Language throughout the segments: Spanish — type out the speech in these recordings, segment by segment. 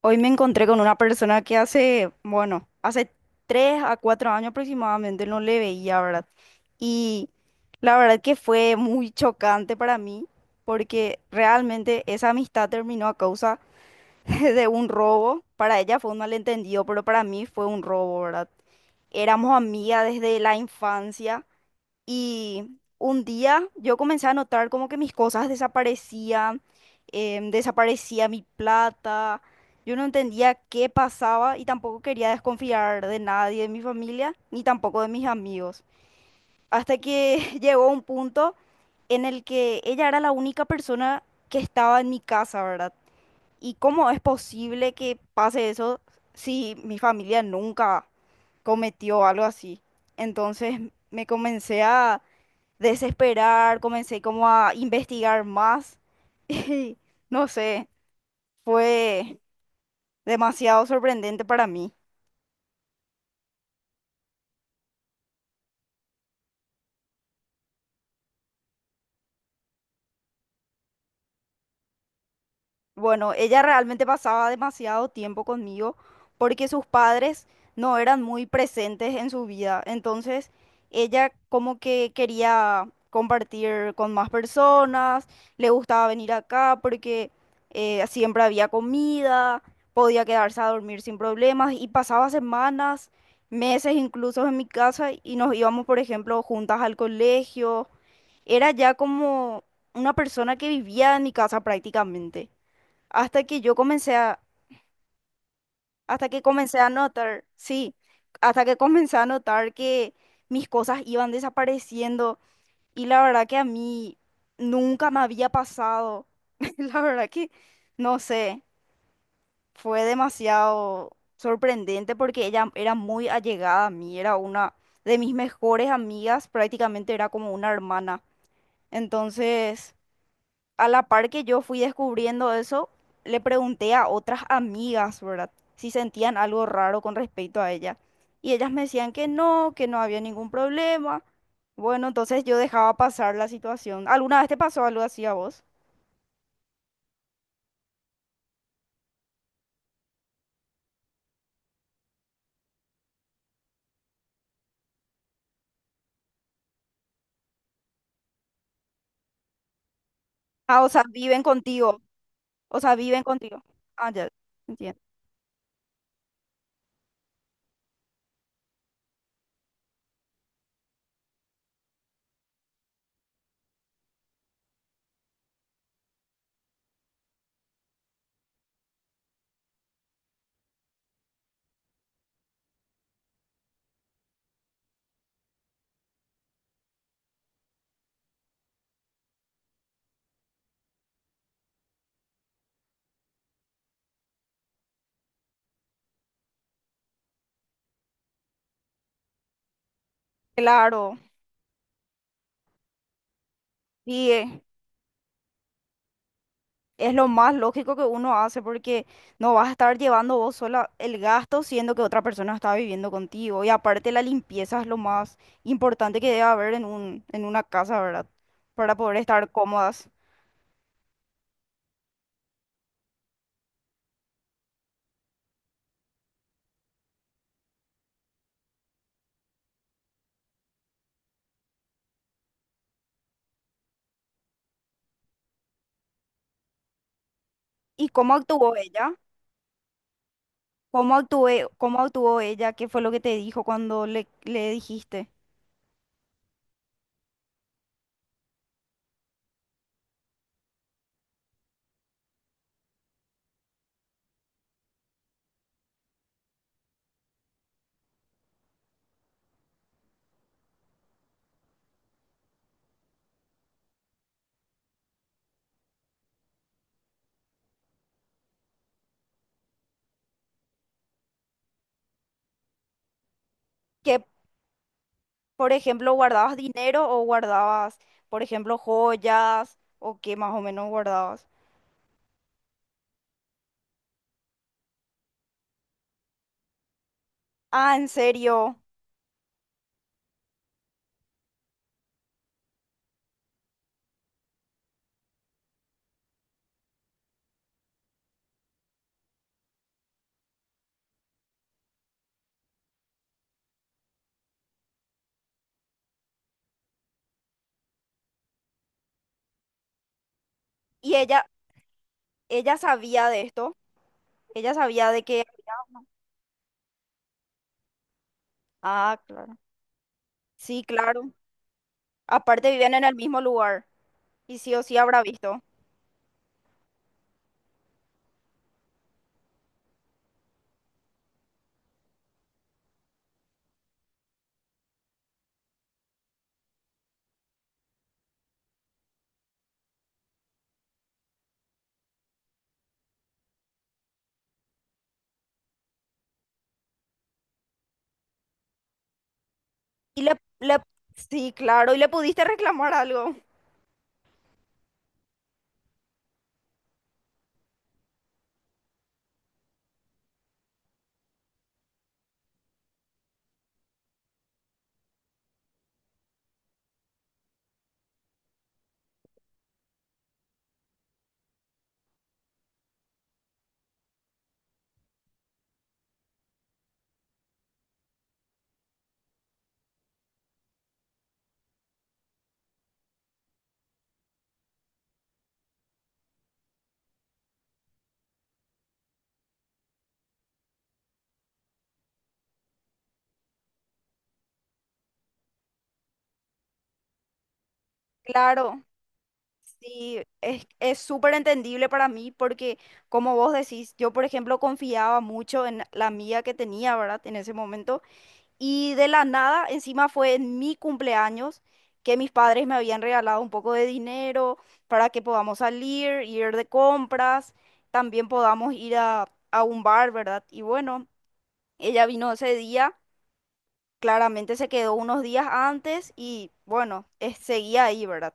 Hoy me encontré con una persona que hace, bueno, hace tres a cuatro años aproximadamente no le veía, ¿verdad? Y la verdad que fue muy chocante para mí porque realmente esa amistad terminó a causa de un robo. Para ella fue un malentendido, pero para mí fue un robo, ¿verdad? Éramos amigas desde la infancia y un día yo comencé a notar como que mis cosas desaparecían, desaparecía mi plata, yo no entendía qué pasaba y tampoco quería desconfiar de nadie, de mi familia, ni tampoco de mis amigos. Hasta que llegó un punto en el que ella era la única persona que estaba en mi casa, ¿verdad? ¿Y cómo es posible que pase eso si mi familia nunca cometió algo así? Entonces me comencé a desesperar, comencé como a investigar más y no sé, fue demasiado sorprendente para mí. Bueno, ella realmente pasaba demasiado tiempo conmigo porque sus padres no eran muy presentes en su vida. Entonces, ella como que quería compartir con más personas, le gustaba venir acá porque siempre había comida, podía quedarse a dormir sin problemas y pasaba semanas, meses incluso en mi casa y nos íbamos, por ejemplo, juntas al colegio. Era ya como una persona que vivía en mi casa prácticamente. Hasta que yo comencé a, hasta que comencé a notar, sí, hasta que comencé a notar que mis cosas iban desapareciendo y la verdad que a mí nunca me había pasado. La verdad que, no sé, fue demasiado sorprendente porque ella era muy allegada a mí, era una de mis mejores amigas, prácticamente era como una hermana. Entonces, a la par que yo fui descubriendo eso, le pregunté a otras amigas, ¿verdad? Si sentían algo raro con respecto a ella. Y ellas me decían que no había ningún problema. Bueno, entonces yo dejaba pasar la situación. ¿Alguna vez te pasó algo así a vos? Ah, o sea, viven contigo. O sea, viven contigo. Ah, ya, entiendo. Claro. Sí, es lo más lógico que uno hace porque no vas a estar llevando vos sola el gasto siendo que otra persona está viviendo contigo. Y aparte la limpieza es lo más importante que debe haber en un, en una casa, ¿verdad? Para poder estar cómodas. ¿Y cómo actuó ella? ¿Cómo actué, cómo actuó ella? ¿Qué fue lo que te dijo cuando le dijiste? Que, por ejemplo, guardabas dinero o guardabas, por ejemplo, joyas o qué más o menos guardabas. Ah, ¿en serio? ¿Y ella sabía de esto? Ella sabía de que había. Ah, claro. Sí, claro. Aparte vivían en el mismo lugar y sí o sí habrá visto. Y le- sí, claro, y le pudiste reclamar algo. Claro. Sí, es súper entendible para mí porque, como vos decís, yo, por ejemplo, confiaba mucho en la amiga que tenía, ¿verdad? En ese momento. Y de la nada, encima fue en mi cumpleaños que mis padres me habían regalado un poco de dinero para que podamos salir, ir de compras, también podamos ir a un bar, ¿verdad? Y bueno, ella vino ese día, claramente se quedó unos días antes y bueno, seguía ahí, ¿verdad?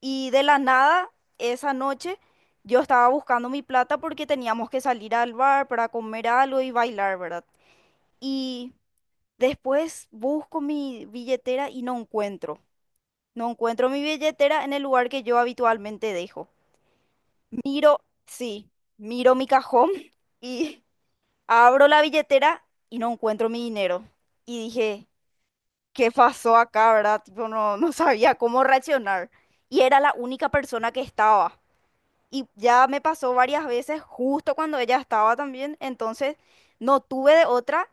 Y de la nada, esa noche, yo estaba buscando mi plata porque teníamos que salir al bar para comer algo y bailar, ¿verdad? Y después busco mi billetera y no encuentro. No encuentro mi billetera en el lugar que yo habitualmente dejo. Miro, sí, miro mi cajón y abro la billetera y no encuentro mi dinero. Y dije, ¿qué pasó acá, verdad? Tipo, no, no sabía cómo reaccionar. Y era la única persona que estaba. Y ya me pasó varias veces justo cuando ella estaba también. Entonces no tuve de otra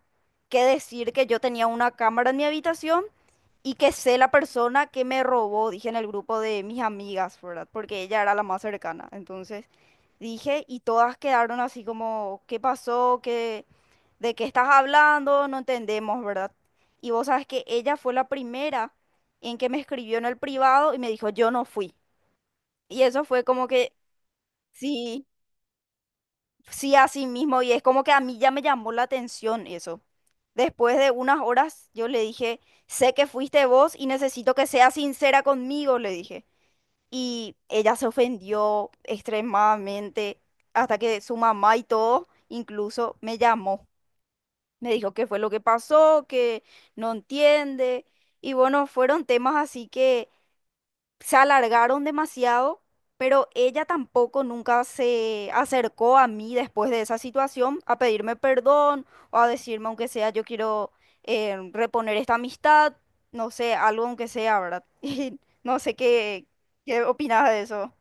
que decir que yo tenía una cámara en mi habitación y que sé la persona que me robó, dije en el grupo de mis amigas, ¿verdad? Porque ella era la más cercana. Entonces dije y todas quedaron así como, ¿qué pasó? ¿Qué, de qué estás hablando? No entendemos, ¿verdad? Y vos sabes que ella fue la primera en que me escribió en el privado y me dijo, yo no fui. Y eso fue como que, sí. Sí, así mismo, y es como que a mí ya me llamó la atención eso. Después de unas horas, yo le dije, sé que fuiste vos y necesito que seas sincera conmigo, le dije. Y ella se ofendió extremadamente, hasta que su mamá y todo, incluso me llamó. Me dijo qué fue lo que pasó, que no entiende. Y bueno, fueron temas así que se alargaron demasiado, pero ella tampoco nunca se acercó a mí después de esa situación a pedirme perdón o a decirme, aunque sea, yo quiero reponer esta amistad, no sé, algo aunque sea, ¿verdad? Y no sé qué, qué opinas de eso.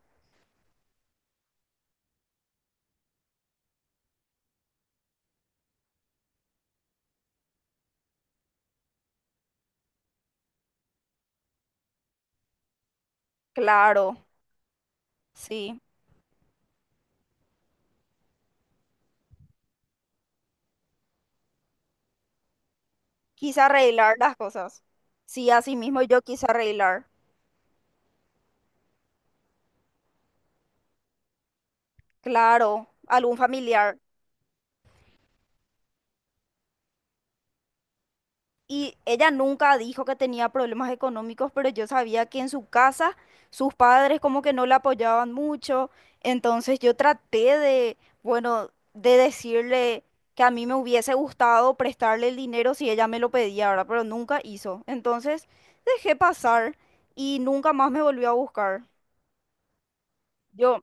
Claro, sí. Quise arreglar las cosas. Sí, así mismo yo quise arreglar. Claro, algún familiar. Y ella nunca dijo que tenía problemas económicos, pero yo sabía que en su casa sus padres como que no la apoyaban mucho. Entonces yo traté de, bueno, de decirle que a mí me hubiese gustado prestarle el dinero si ella me lo pedía, ¿verdad? Pero nunca hizo. Entonces dejé pasar y nunca más me volvió a buscar. Yo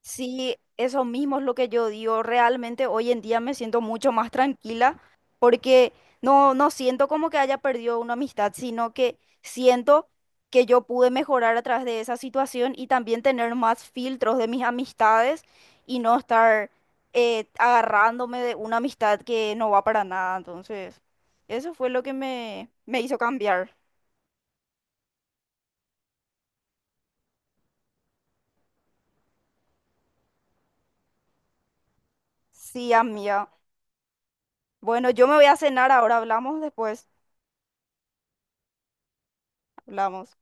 sí, eso mismo es lo que yo digo. Realmente hoy en día me siento mucho más tranquila porque no, no siento como que haya perdido una amistad, sino que siento que yo pude mejorar a través de esa situación y también tener más filtros de mis amistades y no estar agarrándome de una amistad que no va para nada. Entonces, eso fue lo que me hizo cambiar. Sí, amiga. Bueno, yo me voy a cenar ahora. Hablamos después. Hablamos.